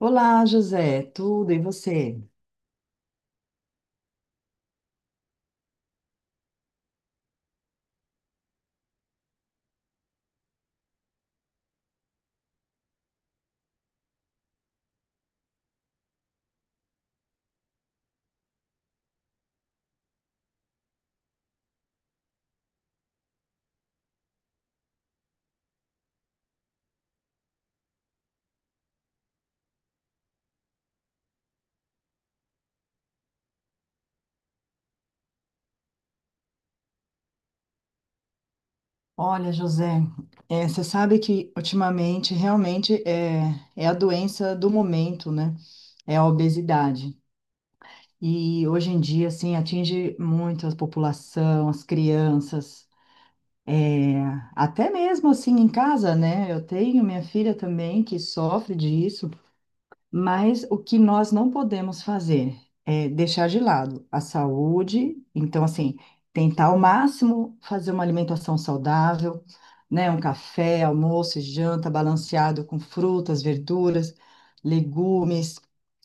Olá, José, tudo e você? Olha, José, você sabe que ultimamente realmente é a doença do momento, né? É a obesidade. E hoje em dia, assim, atinge muito a população, as crianças, é, até mesmo assim em casa, né? Eu tenho minha filha também que sofre disso. Mas o que nós não podemos fazer é deixar de lado a saúde, então, assim, tentar ao máximo fazer uma alimentação saudável, né? Um café, almoço, e janta balanceado com frutas, verduras, legumes,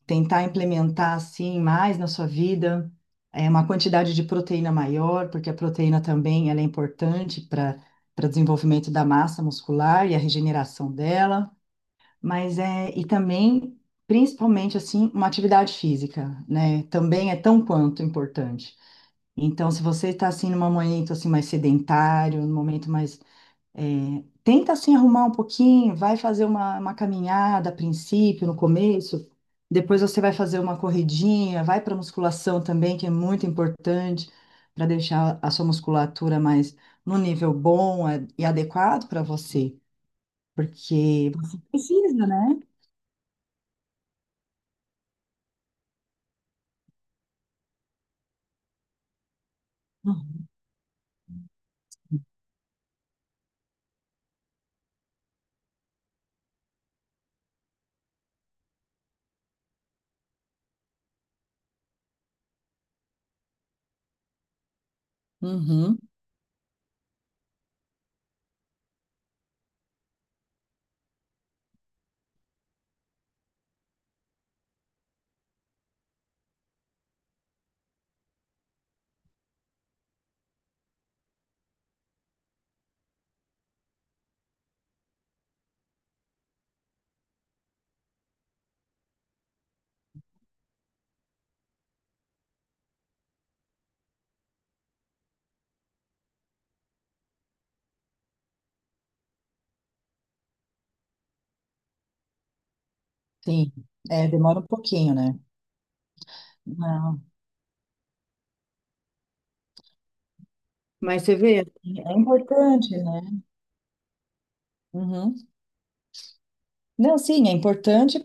tentar implementar, assim, mais na sua vida, uma quantidade de proteína maior, porque a proteína também ela é importante para desenvolvimento da massa muscular e a regeneração dela. Mas é, e também, principalmente assim, uma atividade física, né? Também é tão quanto importante. Então, se você está assim num momento assim mais sedentário, num momento mais tenta assim arrumar um pouquinho, vai fazer uma caminhada a princípio, no começo, depois você vai fazer uma corridinha, vai para musculação também, que é muito importante para deixar a sua musculatura mais no nível bom e adequado para você, porque você precisa, né? Uhum, sim. É, demora um pouquinho, né? Não. Mas você vê, assim, é importante, né? Uhum. Não, sim, é importante.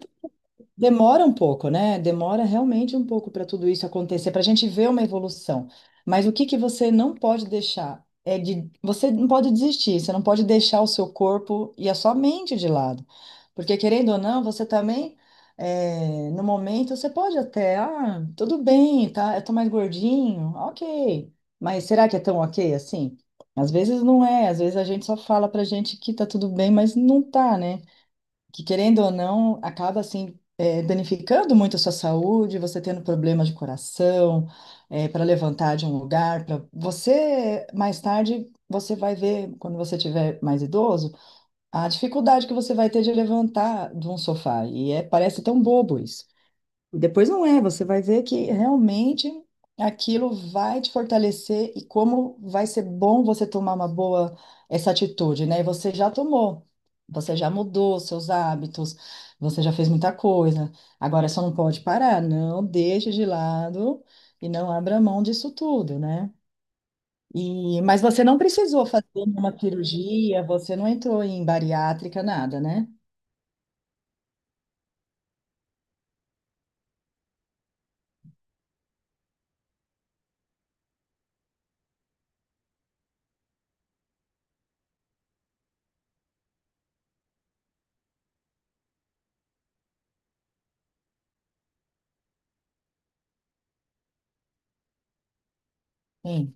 Demora um pouco, né? Demora realmente um pouco para tudo isso acontecer, para a gente ver uma evolução. Mas o que que você não pode deixar é de você não pode desistir, você não pode deixar o seu corpo e a sua mente de lado. Porque querendo ou não, você também no momento você pode até, ah, tudo bem, tá? Eu tô mais gordinho, ok. Mas será que é tão ok assim? Às vezes não é, às vezes a gente só fala pra gente que tá tudo bem, mas não tá, né? Que querendo ou não, acaba assim, danificando muito a sua saúde, você tendo problemas de coração, para levantar de um lugar, para você mais tarde você vai ver, quando você tiver mais idoso, a dificuldade que você vai ter de levantar de um sofá. E é, parece tão bobo isso. Depois não é, você vai ver que realmente aquilo vai te fortalecer e como vai ser bom você tomar uma boa essa atitude, né? E você já tomou, você já mudou seus hábitos, você já fez muita coisa. Agora só não pode parar, não deixe de lado e não abra mão disso tudo, né? E, mas você não precisou fazer uma cirurgia, você não entrou em bariátrica, nada, né? Sim.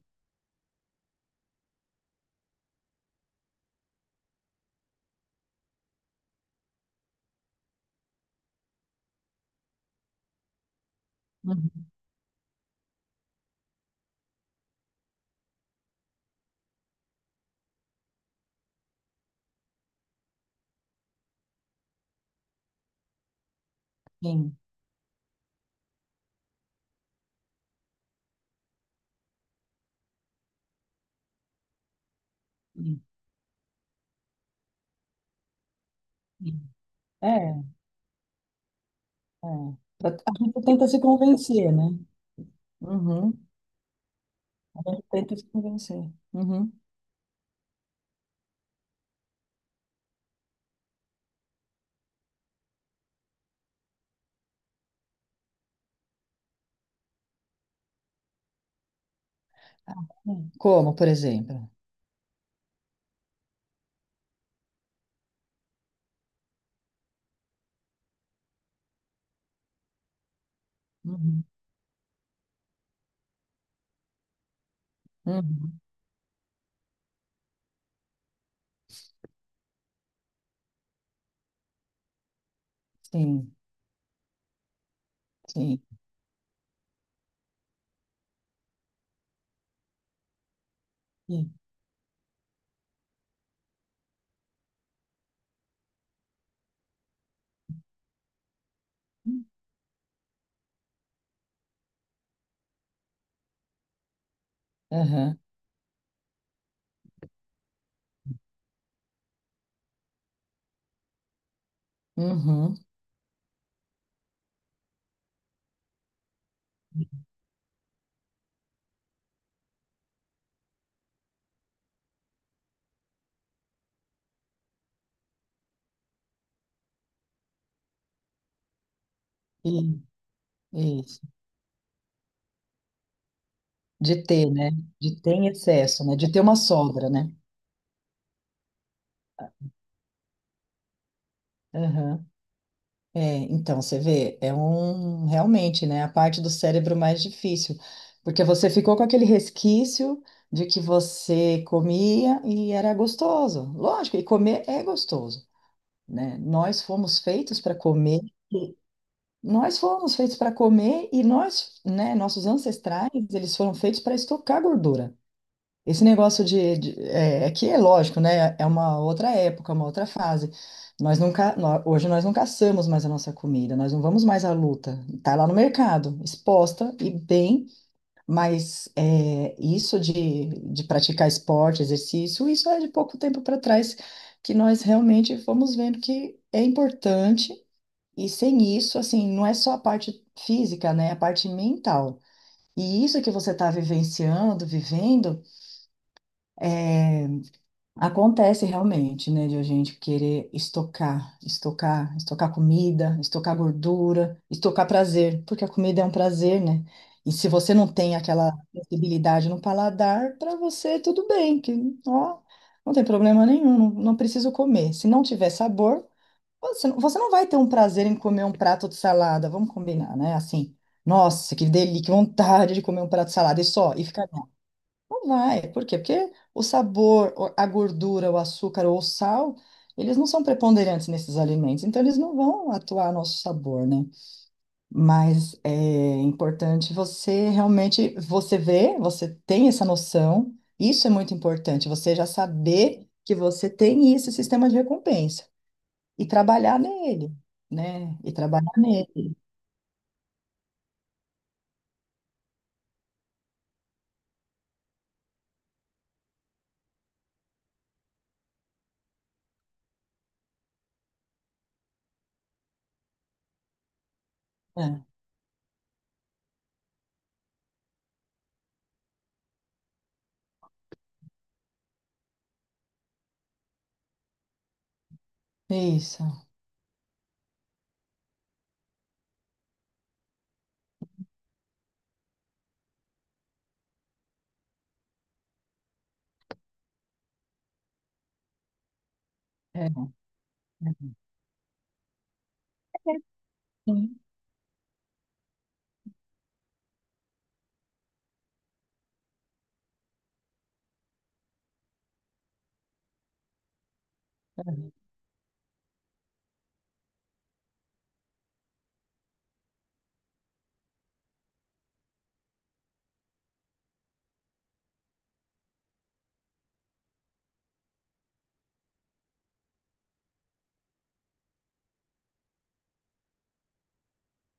Uhum. Sim. Sim. Sim. É. É. A gente tenta se convencer, né? Uhum. A gente tenta se convencer. Uhum. Como, por exemplo? Uhum, uhum. Sim, sim. e- Aham. Uhum. e- Isso. De ter, né? De ter em excesso, né? De ter uma sobra, né? Aham. É, então, você vê, é um realmente, né, a parte do cérebro mais difícil, porque você ficou com aquele resquício de que você comia e era gostoso. Lógico, e comer é gostoso, né? Nós fomos feitos para comer, e- nós fomos feitos para comer e nós, né, nossos ancestrais, eles foram feitos para estocar gordura. Esse negócio de, é, é que é lógico, né? É uma outra época, uma outra fase. Nós nunca, nó- hoje nós não caçamos mais a nossa comida, nós não vamos mais à luta. Está lá no mercado, exposta e bem, mas é, isso de praticar esporte, exercício, isso é de pouco tempo para trás que nós realmente fomos vendo que é importante e sem isso, assim, não é só a parte física, né? É a parte mental. E isso que você está vivenciando, vivendo é, acontece realmente, né, de a gente querer estocar, estocar, estocar comida, estocar gordura, estocar prazer, porque a comida é um prazer, né? E se você não tem aquela sensibilidade no paladar, para você tudo bem, que ó, não tem problema nenhum, não, não preciso comer. Se não tiver sabor, você não vai ter um prazer em comer um prato de salada, vamos combinar, né? Assim, nossa, que delícia, que vontade de comer um prato de salada e só, e ficar não vai. Por quê? Porque o sabor, a gordura, o açúcar ou o sal, eles não são preponderantes nesses alimentos, então eles não vão atuar no nosso sabor, né? Mas é importante você realmente, você vê, você tem essa noção, isso é muito importante, você já saber que você tem isso, esse sistema de recompensa e trabalhar nele, né? E trabalhar nele. É, isso. É. É. Sim. É.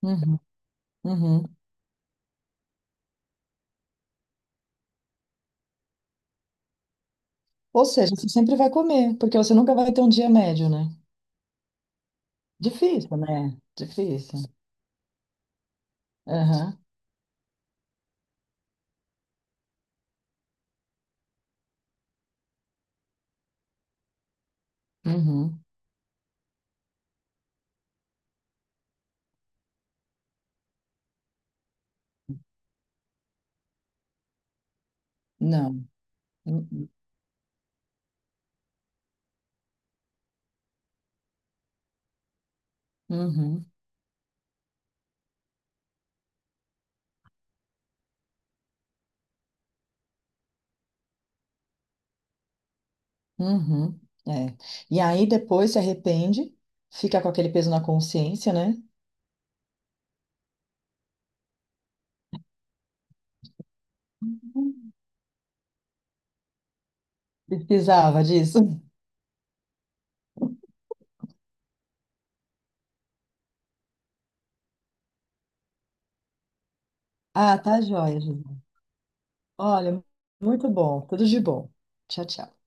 Uhum, uhum. Ou seja, você sempre vai comer, porque você nunca vai ter um dia médio, né? Difícil, né? Difícil. Aham, uhum. Não. Uhum. Uhum. Uhum. É. E aí depois se arrepende, fica com aquele peso na consciência, né? Precisava disso. Ah, tá joia, Gisele. Olha, muito bom. Tudo de bom. Tchau, tchau.